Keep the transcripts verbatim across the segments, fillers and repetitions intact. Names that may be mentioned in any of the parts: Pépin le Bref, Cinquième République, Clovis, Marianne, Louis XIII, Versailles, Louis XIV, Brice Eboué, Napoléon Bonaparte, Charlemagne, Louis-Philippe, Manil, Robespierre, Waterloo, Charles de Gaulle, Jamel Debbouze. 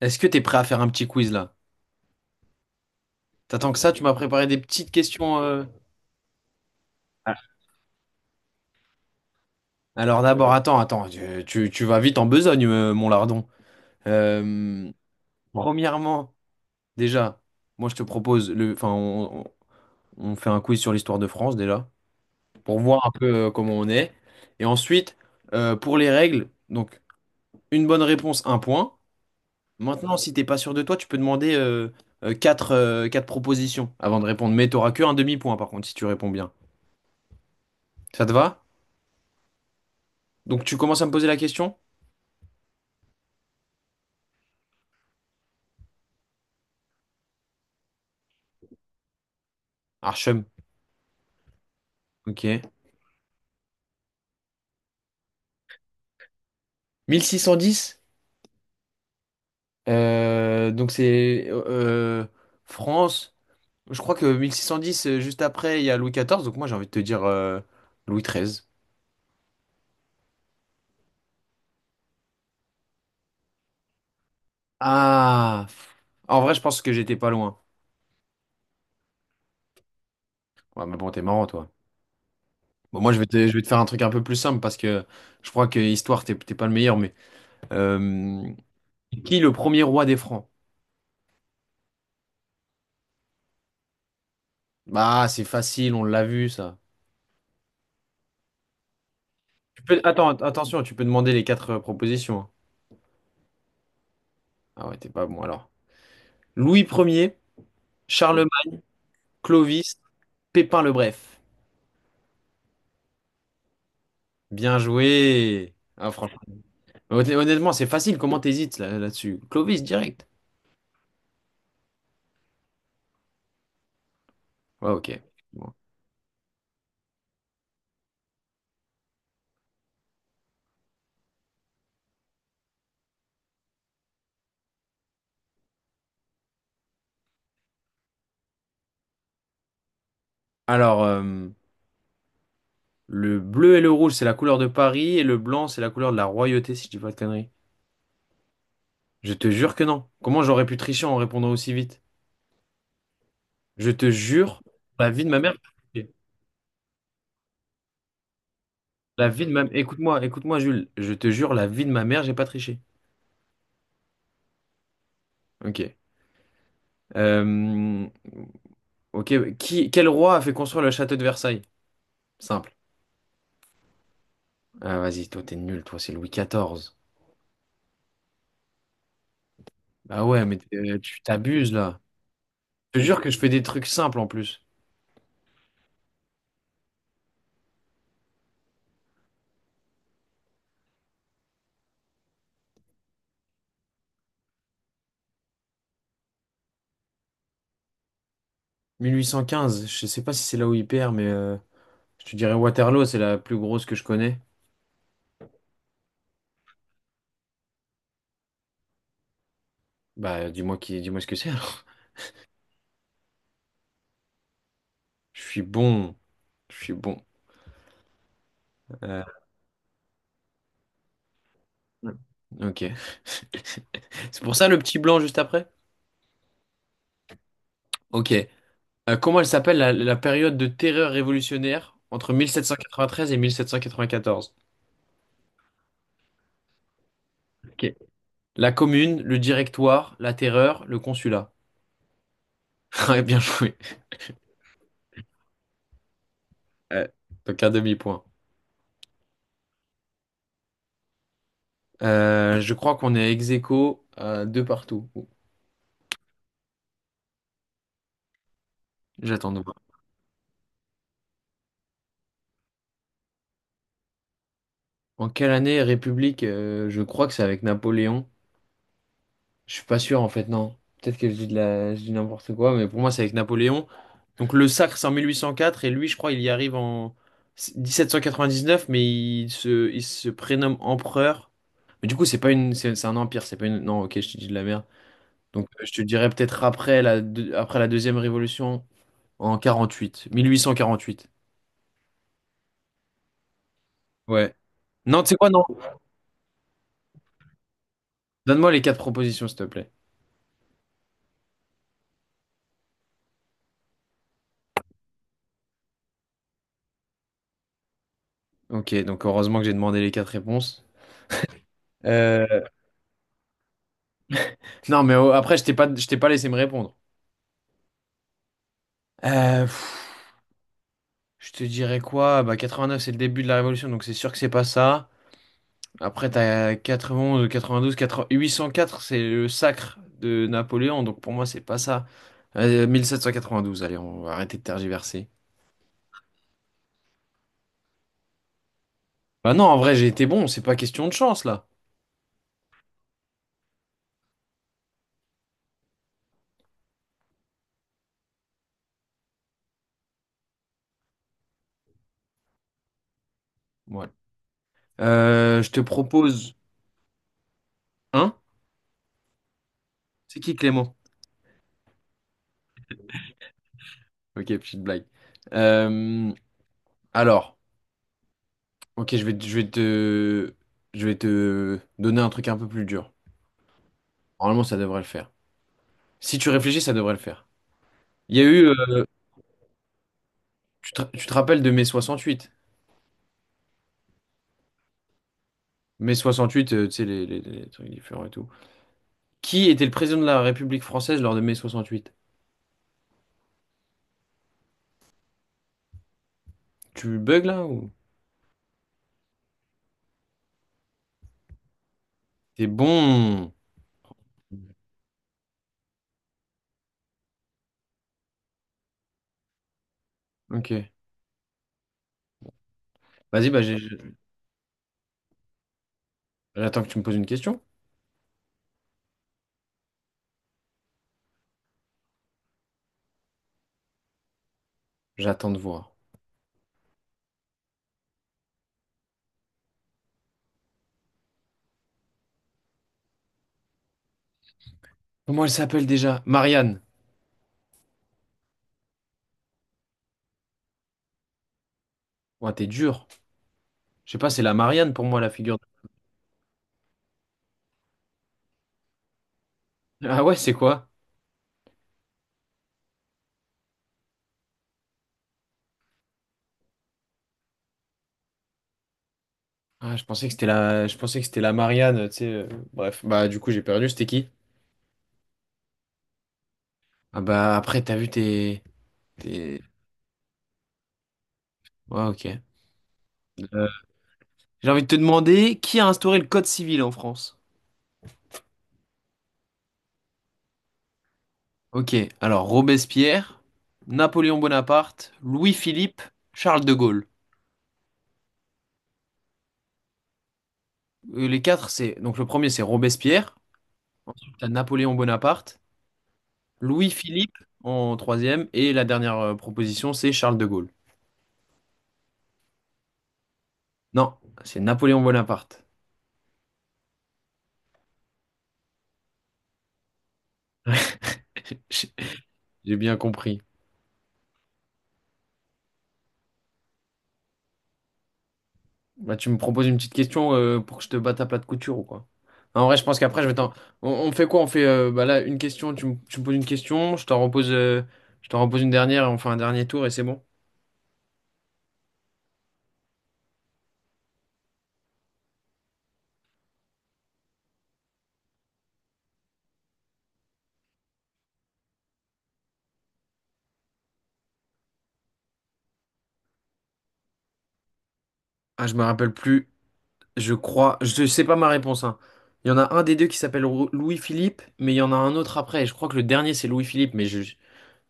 Est-ce que t'es prêt à faire un petit quiz là? T'attends que ça, tu m'as préparé des petites questions. euh. Ah. Alors d'abord, attends, attends, tu, tu- tu vas vite en besogne, euh, mon lardon. Euh, Premièrement, déjà, moi je te propose le, enfin, on, on- on fait un quiz sur l'histoire de France déjà pour voir un peu euh, comment on est. Et ensuite, euh, pour les règles, donc une bonne réponse, un point. Maintenant, si t'es pas sûr de toi, tu peux demander euh, euh, quatre, euh, quatre propositions avant de répondre. Mais t'auras que un demi-point par contre si tu réponds bien. Ça te va? Donc tu commences à me poser la question? Archem. Ok. mille six cent dix? Euh, donc c'est euh, France. Je crois que seize cent dix, euh, juste après, il y a Louis quatorze. Donc moi, j'ai envie de te dire euh, Louis treize. Ah! pff. En vrai, je pense que j'étais pas loin. Ouais, mais bon, t'es marrant, toi. Bon, moi, je vais te, je vais te faire un truc un peu plus simple parce que je crois que histoire, t'es t'es pas le meilleur, mais... euh, qui est le premier roi des Francs? Bah, c'est facile, on l'a vu, ça. Tu peux... Attends, attention, tu peux demander les quatre euh, propositions, hein. Ah ouais, t'es pas bon alors. Louis Ier, Charlemagne, Clovis, Pépin le Bref. Bien joué. Ah, franchement. Hon- Honnêtement, c'est facile. Comment t'hésites là, là-dessus? Clovis, direct. Ouais, ok. Bon. Alors, euh, le bleu et le rouge, c'est la couleur de Paris et le blanc, c'est la couleur de la royauté, si je dis pas de conneries. Je te jure que non. Comment j'aurais pu tricher en répondant aussi vite? Je te jure, la vie de ma mère. La vie de ma... Écoute-moi, écoute-moi, Jules. Je te jure, la vie de ma mère, j'ai pas triché. Ok. Euh, Ok, qui, quel roi a fait construire le château de Versailles? Simple. Ah, vas-y, toi, t'es nul, toi, c'est Louis quatorze. Ah ouais, mais t'es- tu t'abuses, là. Je te jure que je fais des trucs simples, en plus. mille huit cent quinze, je sais pas si c'est là où il perd, mais euh, je te dirais Waterloo, c'est la plus grosse que je connais. Bah, dis-moi qui, dis-moi ce que c'est, alors. Je suis bon, je suis bon. Euh, ok. C'est pour ça le petit blanc juste après? Ok. Euh, comment elle s'appelle la, la période de terreur révolutionnaire entre mille sept cent quatre-vingt-treize et mille sept cent quatre-vingt-quatorze? La commune, le directoire, la terreur, le consulat. Ouais, bien joué. Euh, donc un demi-point. Euh, je crois qu'on est ex aequo à deux partout. Ouh. J'attends de voir. En quelle année République? euh, Je crois que c'est avec Napoléon. Je suis pas sûr en fait, non. Peut-être que je dis de la... je dis n'importe quoi, mais pour moi c'est avec Napoléon. Donc le sacre c'est en mille huit cent quatre et lui je crois il y arrive en mille sept cent quatre-vingt-dix-neuf, mais il se, il se prénomme empereur. Mais du coup c'est pas une, c'est c'est un empire, c'est pas une. Non, ok, je te dis de la merde. Donc, euh, je te dirais peut-être après la, deux- après la deuxième révolution en quarante-huit, mille huit cent quarante-huit. Ouais. Non, tu sais quoi, non. Donne-moi les quatre propositions, s'il te plaît. Ok, donc heureusement que j'ai demandé les quatre réponses. Euh, Non, mais oh, après, je t'ai pas, je t'ai pas laissé me répondre. Euh, pff, je te dirais quoi? Bah, quatre-vingt-neuf, c'est le début de la Révolution, donc c'est sûr que c'est pas ça. Après, t'as quatre-vingt-onze, quatre-vingt-douze, quatre-vingt huit cent quatre, c'est le sacre de Napoléon, donc pour moi, c'est pas ça. Euh, mille sept cent quatre-vingt-douze, allez, on va arrêter de tergiverser. Bah non, en vrai, j'ai été bon, c'est pas question de chance là. Voilà. Euh, je te propose un. C'est qui Clément? Ok, petite blague. Euh, alors, ok, je vais, je vais te, je vais te donner un truc un peu plus dur. Normalement, ça devrait le faire. Si tu réfléchis, ça devrait le faire. Il y a eu, euh, tu te, tu te rappelles de mai soixante-huit. Mai soixante-huit, euh, tu sais, les, les- les trucs différents et tout. Qui était le président de la République française lors de mai soixante-huit? Tu bugs là ou? T'es bon. Ok. Vas-y, bah j'ai. J'attends que tu me poses une question. J'attends de voir. Comment elle s'appelle déjà? Marianne. Ouais, t'es dur. Je sais pas, c'est la Marianne pour moi, la figure. de- Ah ouais, c'est quoi? Ah, je pensais que c'était la... je pensais que c'était la Marianne, tu sais. euh, Bref, bah du coup, j'ai perdu. C'était qui? Ah bah après, t'as vu tes... tes- Ouais, ok. Euh, J'ai envie de te demander, qui a instauré le code civil en France? Ok, alors Robespierre, Napoléon Bonaparte, Louis-Philippe, Charles de Gaulle. Euh, Les quatre, c'est... Donc le premier, c'est Robespierre. T'as Napoléon Bonaparte. Louis-Philippe en troisième. Et la dernière euh, proposition, c'est Charles de Gaulle. Non, c'est Napoléon Bonaparte. J'ai j'ai bien compris. Bah, tu me proposes une petite question euh, pour que je te batte à plat de couture ou quoi? En vrai, je pense qu'après, je vais t'en... On, on fait quoi? On fait euh, bah là une question, tu me, tu me poses une question, je t'en repose, euh, je t'en repose une dernière et on fait un dernier tour et c'est bon. Ah, je me rappelle plus. Je crois, je sais pas ma réponse, hein. Il y en a un des deux qui s'appelle Ro- Louis-Philippe, mais il y en a un autre après. Et je crois que le dernier c'est Louis-Philippe, mais je,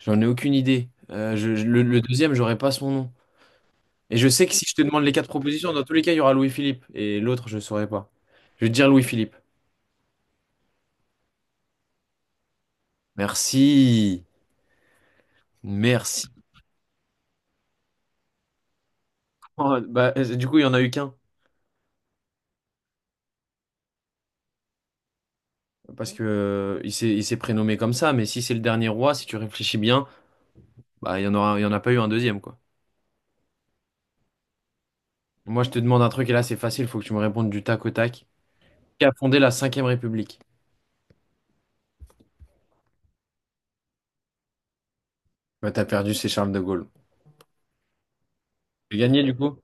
j'en ai aucune idée. Euh, je- je- le, le deuxième, j'aurais pas son nom. Et je sais que si je te demande les quatre propositions, dans tous les cas, il y aura Louis-Philippe. Et l'autre, je saurais pas. Je vais te dire Louis-Philippe. Merci. Merci. Oh, bah, euh, du coup, il y en a eu qu'un. Parce que euh, il s'est, il s'est prénommé comme ça. Mais si c'est le dernier roi, si tu réfléchis bien, bah, il y en aura, il y en a pas eu un deuxième, quoi. Moi, je te demande un truc et là, c'est facile. Il faut que tu me répondes du tac au tac. Qui a fondé la Cinquième République? Bah, t'as perdu, c'est Charles de Gaulle. J'ai gagné, du coup?